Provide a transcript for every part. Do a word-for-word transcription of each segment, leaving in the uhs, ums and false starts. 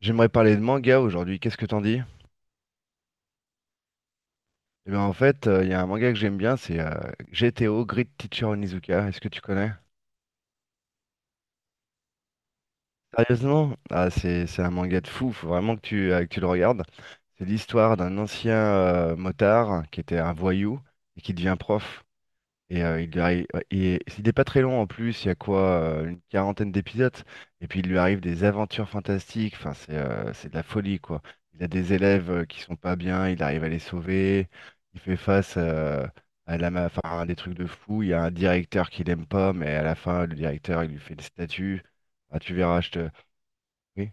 J'aimerais parler de manga aujourd'hui, qu'est-ce que t'en dis? Eh bien en fait, euh, il y a un manga que j'aime bien, c'est euh, G T O, Great Teacher Onizuka, est-ce que tu connais? Sérieusement? Ah c'est c'est un manga de fou, faut vraiment que tu, euh, que tu le regardes. C'est l'histoire d'un ancien euh, motard qui était un voyou et qui devient prof. Et euh, il lui arrive, ouais, et il n'est pas très long en plus, il y a quoi, euh, une quarantaine d'épisodes, et puis il lui arrive des aventures fantastiques, enfin c'est euh, c'est de la folie quoi. Il a des élèves euh, qui sont pas bien, il arrive à les sauver, il fait face euh, à la, ma- enfin, à des trucs de fou, il y a un directeur qu'il aime pas, mais à la fin le directeur il lui fait une statue. Ah, tu verras, je te. Oui.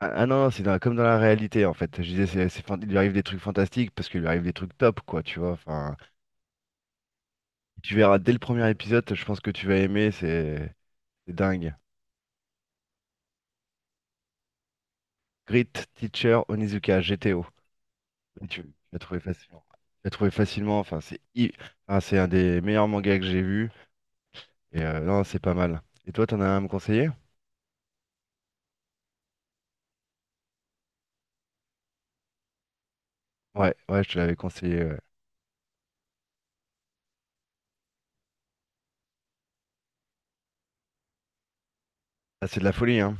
Ah, ah non, non, c'est dans- comme dans la réalité en fait. Je disais, c'est, c'est fan- il lui arrive des trucs fantastiques parce qu'il lui arrive des trucs top quoi, tu vois. Enfin. Tu verras dès le premier épisode, je pense que tu vas aimer, c'est c'est dingue. Grit Teacher Onizuka, G T O. Et tu tu vas trouver facilement. Tu vas trouver facilement, enfin c'est hi- ah, c'est un des meilleurs mangas que j'ai vu. Et euh, non, c'est pas mal. Et toi, t'en as un à me conseiller? Ouais, ouais, je te l'avais conseillé, ouais. Ah, c'est de la folie, hein.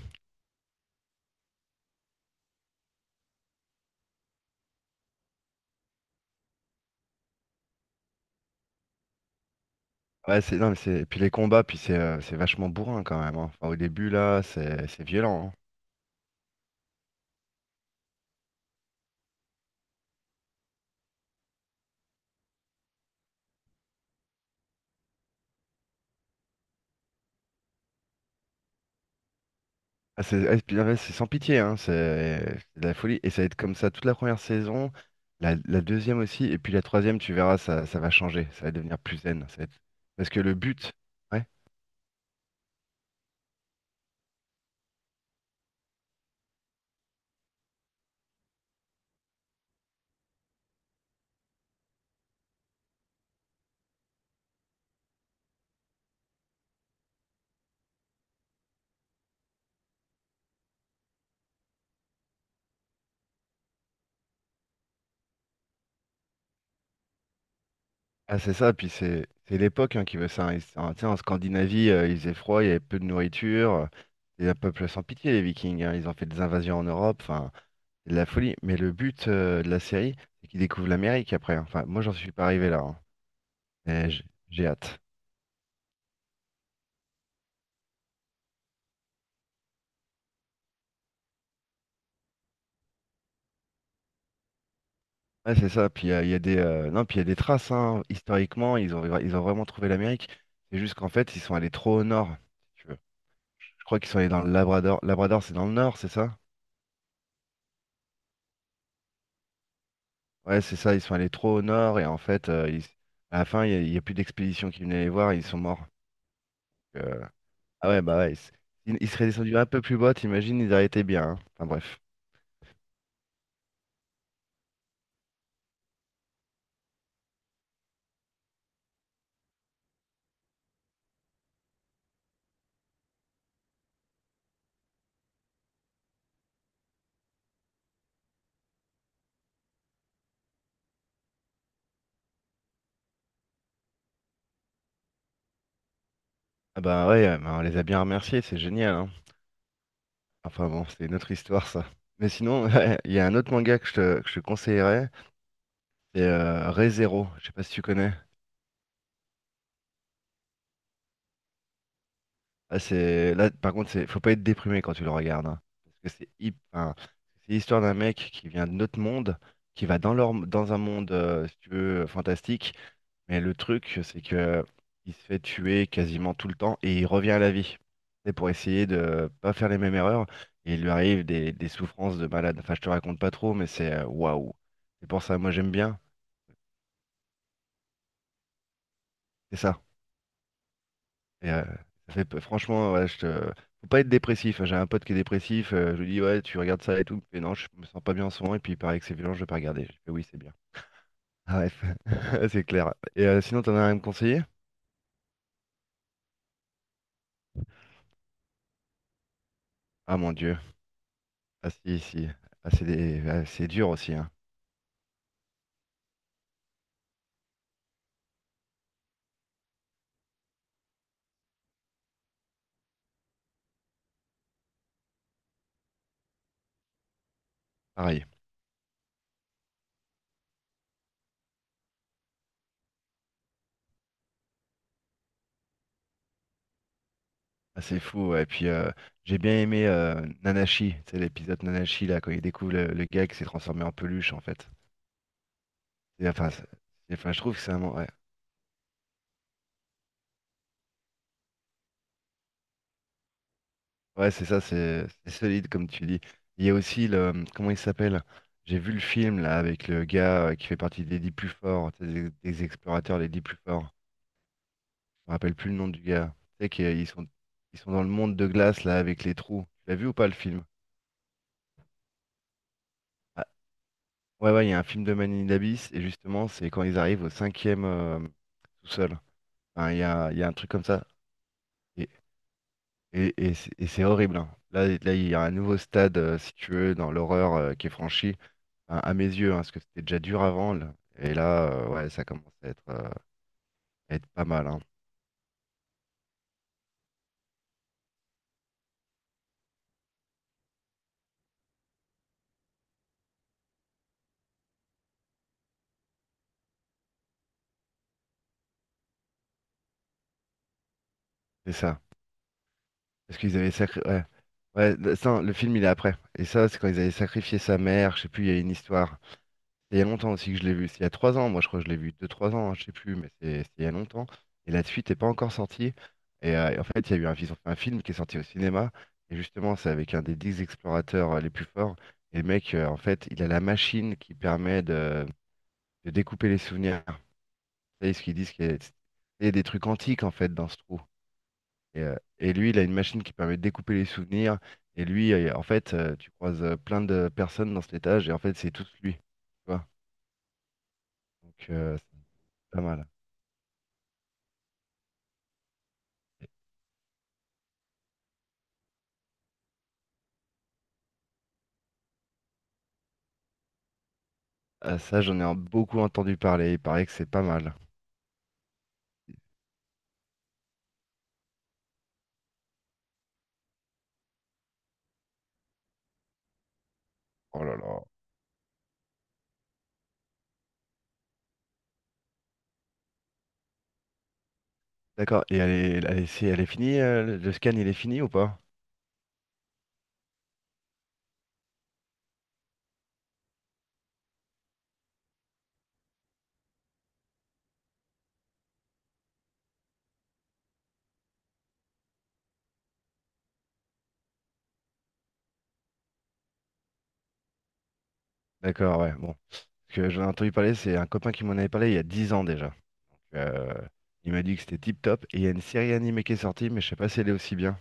Ouais, c'est non, mais c'est puis les combats, puis c'est euh, c'est vachement bourrin quand même, hein. Enfin, au début là, c'est c'est violent, hein. Ah, c'est ah, puis, ah ouais, c'est sans pitié, hein, c'est c'est de la folie. Et ça va être comme ça toute la première saison, la, la deuxième aussi, et puis la troisième, tu verras, ça, ça va changer, ça va devenir plus zen. Ça va être- parce que le but, ouais, ah, c'est ça, puis c'est c'est l'époque hein, qui veut ça, hein. Ils- ah, tu en Scandinavie, euh, il faisait froid, il y avait peu de nourriture, c'est un peuple sans pitié, les Vikings, hein. Ils ont fait des invasions en Europe, enfin, c'est de la folie. Mais le but euh, de la série, c'est qu'ils découvrent l'Amérique après, hein. Enfin, moi, j'en suis pas arrivé là, hein. Mais j'- j'ai hâte. Ouais, c'est ça. Puis il y a, il y a des, euh, non, puis il y a des traces, hein. Historiquement, ils ont, ils ont vraiment trouvé l'Amérique. C'est juste qu'en fait, ils sont allés trop au nord, si tu veux. Je crois qu'ils sont allés dans le Labrador. Labrador, c'est dans le nord, c'est ça? Ouais, c'est ça. Ils sont allés trop au nord et en fait, euh, ils- à la fin, il y a, il y a plus d'expédition qui venait les voir, et ils sont morts. Donc, Euh, ah ouais, bah ouais. Ils, ils seraient descendus un peu plus bas, t'imagines, ils auraient été bien, hein. Enfin bref. Ah bah ouais, euh, bah, on les a bien remerciés, c'est génial, hein. Enfin bon, c'est une autre histoire, ça. Mais sinon, ouais, il y a un autre manga que je te, que je te conseillerais. C'est euh, Re Zero, je sais pas si tu connais. Là c'est... Là, par contre, c'est... faut pas être déprimé quand tu le regardes, hein. Parce que c'est hip- enfin, c'est l'histoire d'un mec qui vient de notre monde, qui va dans leur... dans un monde, euh, si tu veux, fantastique. Mais le truc, c'est que il se fait tuer quasiment tout le temps et il revient à la vie. C'est pour essayer de pas faire les mêmes erreurs. Et il lui arrive des, des souffrances de malade. Enfin, je te raconte pas trop, mais c'est euh, waouh. C'est pour ça, moi j'aime bien. C'est ça. Et, euh, ça fait pe- franchement, ouais, je te. Faut pas être dépressif, hein. J'ai un pote qui est dépressif. euh, je lui dis, ouais, tu regardes ça et tout. Il me fait, non, je me sens pas bien en ce moment. Et puis il paraît que c'est violent, je vais pas regarder. Je fais, oui, c'est bien. Bref, c'est clair. Et euh, sinon, t'en as rien à me conseiller? Ah mon Dieu. Ah si, si. Ah, c'est des- ah, c'est dur aussi, hein. Pareil. Ah, c'est fou, ouais. Et puis, euh, j'ai bien aimé euh, Nanashi. C'est l'épisode Nanashi, là, quand il découvre le, le gars qui s'est transformé en peluche, en fait. Et, enfin, c'est- enfin, je trouve que c'est un. Mo- ouais. Ouais, c'est ça, c'est c'est solide comme tu dis. Il y a aussi le, comment il s'appelle? J'ai vu le film là avec le gars euh, qui fait partie des dix plus forts, tu sais, des, des explorateurs les dix plus forts. Je me rappelle plus le nom du gars. Tu sais qu'ils sont ils sont dans le monde de glace là avec les trous. Tu l'as vu ou pas le film? Ah, ouais ouais, il y a un film de Manilabis et justement c'est quand ils arrivent au cinquième euh, tout seul. Enfin, il y a, il y a un truc comme ça. Et, et c'est et c'est horrible, hein. Là, là, il y a un nouveau stade, euh, si tu veux, dans l'horreur euh, qui est franchi, enfin, à mes yeux, hein, parce que c'était déjà dur avant, là. Et là, euh, ouais, ça commence à être, euh, à être pas mal, hein. C'est ça. Parce qu'ils avaient sacré... Ouais, ouais le, ça, le film, il est après. Et ça, c'est quand ils avaient sacrifié sa mère. Je sais plus, il y a une histoire. Il y a longtemps aussi que je l'ai vu. C'est il y a trois ans, moi je crois que je l'ai vu. Deux, trois ans, hein, je sais plus, mais c'est c'est il y a longtemps. Et la suite n'est pas encore sortie. Et, euh, en fait, il y a eu un, ils ont fait un film qui est sorti au cinéma. Et justement, c'est avec un des dix explorateurs euh, les plus forts. Et le mec, euh, en fait, il a la machine qui permet de, de découper les souvenirs. Vous savez ce qu'ils disent qu'il y a il y a des trucs antiques en fait dans ce trou. Et, euh, et lui, il a une machine qui permet de découper les souvenirs. Et lui, euh, en fait, euh, tu croises euh, plein de personnes dans cet étage. Et en fait, c'est tous lui. Tu vois? Donc, euh, c'est pas mal. Ah, ça, j'en ai en- beaucoup entendu parler. Il paraît que c'est pas mal. Oh là là. D'accord. Et elle est, elle est- c'est- elle est finie, euh, le le scan, il est fini ou pas? D'accord, ouais. Bon. Parce que j'en ai entendu parler, c'est un copain qui m'en avait parlé il y a dix ans déjà. Euh, il m'a dit que c'était tip top. Et il y a une série animée qui est sortie, mais je sais pas si elle est aussi bien.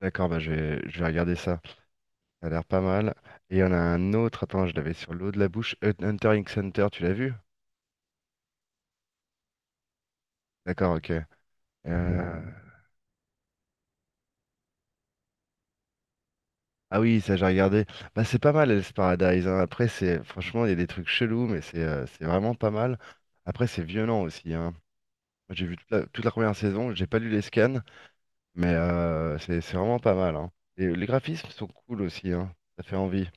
D'accord, bah je vais, je vais regarder ça. Ça a l'air pas mal. Et il y en a un autre, attends, je l'avais sur l'eau de la bouche. Hunter x Hunter, tu l'as vu? D'accord, ok. Euh, ah oui, ça j'ai regardé. Bah c'est pas mal Hell's Paradise, hein. Après c'est franchement il y a des trucs chelous, mais c'est euh, c'est vraiment pas mal. Après c'est violent aussi, hein. Moi, J'ai vu toute la, toute la première saison, j'ai pas lu les scans, mais euh, c'est c'est vraiment pas mal, hein. Et les graphismes sont cool aussi, hein. Ça fait envie.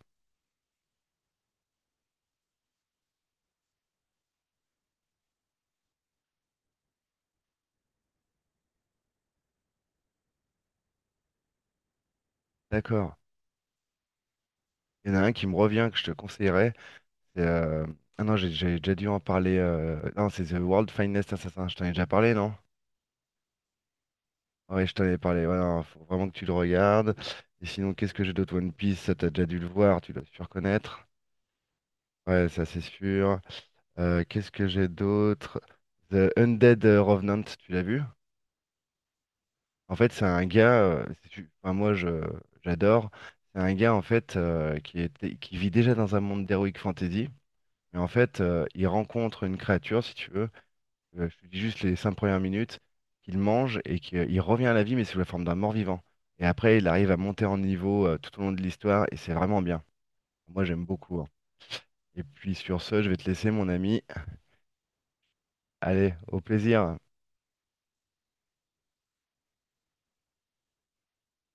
D'accord. Il y en a un qui me revient que je te conseillerais. c'est, euh, Ah non j'ai j'ai déjà dû en parler. euh, Non c'est The World Finest Assassin. Je t'en ai déjà parlé non? Ouais, je t'en avais parlé. Ouais, non, faut vraiment que tu le regardes. Et sinon, qu'est-ce que j'ai d'autre One Piece? Ça, t'as déjà dû le voir, tu dois sûr connaître. Ouais, ça c'est sûr. Euh, qu'est-ce que j'ai d'autre? The Undead Revenant, tu l'as vu? En fait, c'est un gars. euh, c'est su- enfin, moi, je j'adore. C'est un gars en fait euh, qui était, qui vit déjà dans un monde d'heroic fantasy. Mais en fait, euh, il rencontre une créature, si tu veux. Euh, je te dis juste les cinq premières minutes, qu'il mange et qu'il revient à la vie, mais sous la forme d'un mort-vivant. Et après, il arrive à monter en niveau euh, tout au long de l'histoire et c'est vraiment bien. Moi, j'aime beaucoup, hein. Et puis sur ce, je vais te laisser, mon ami. Allez, au plaisir.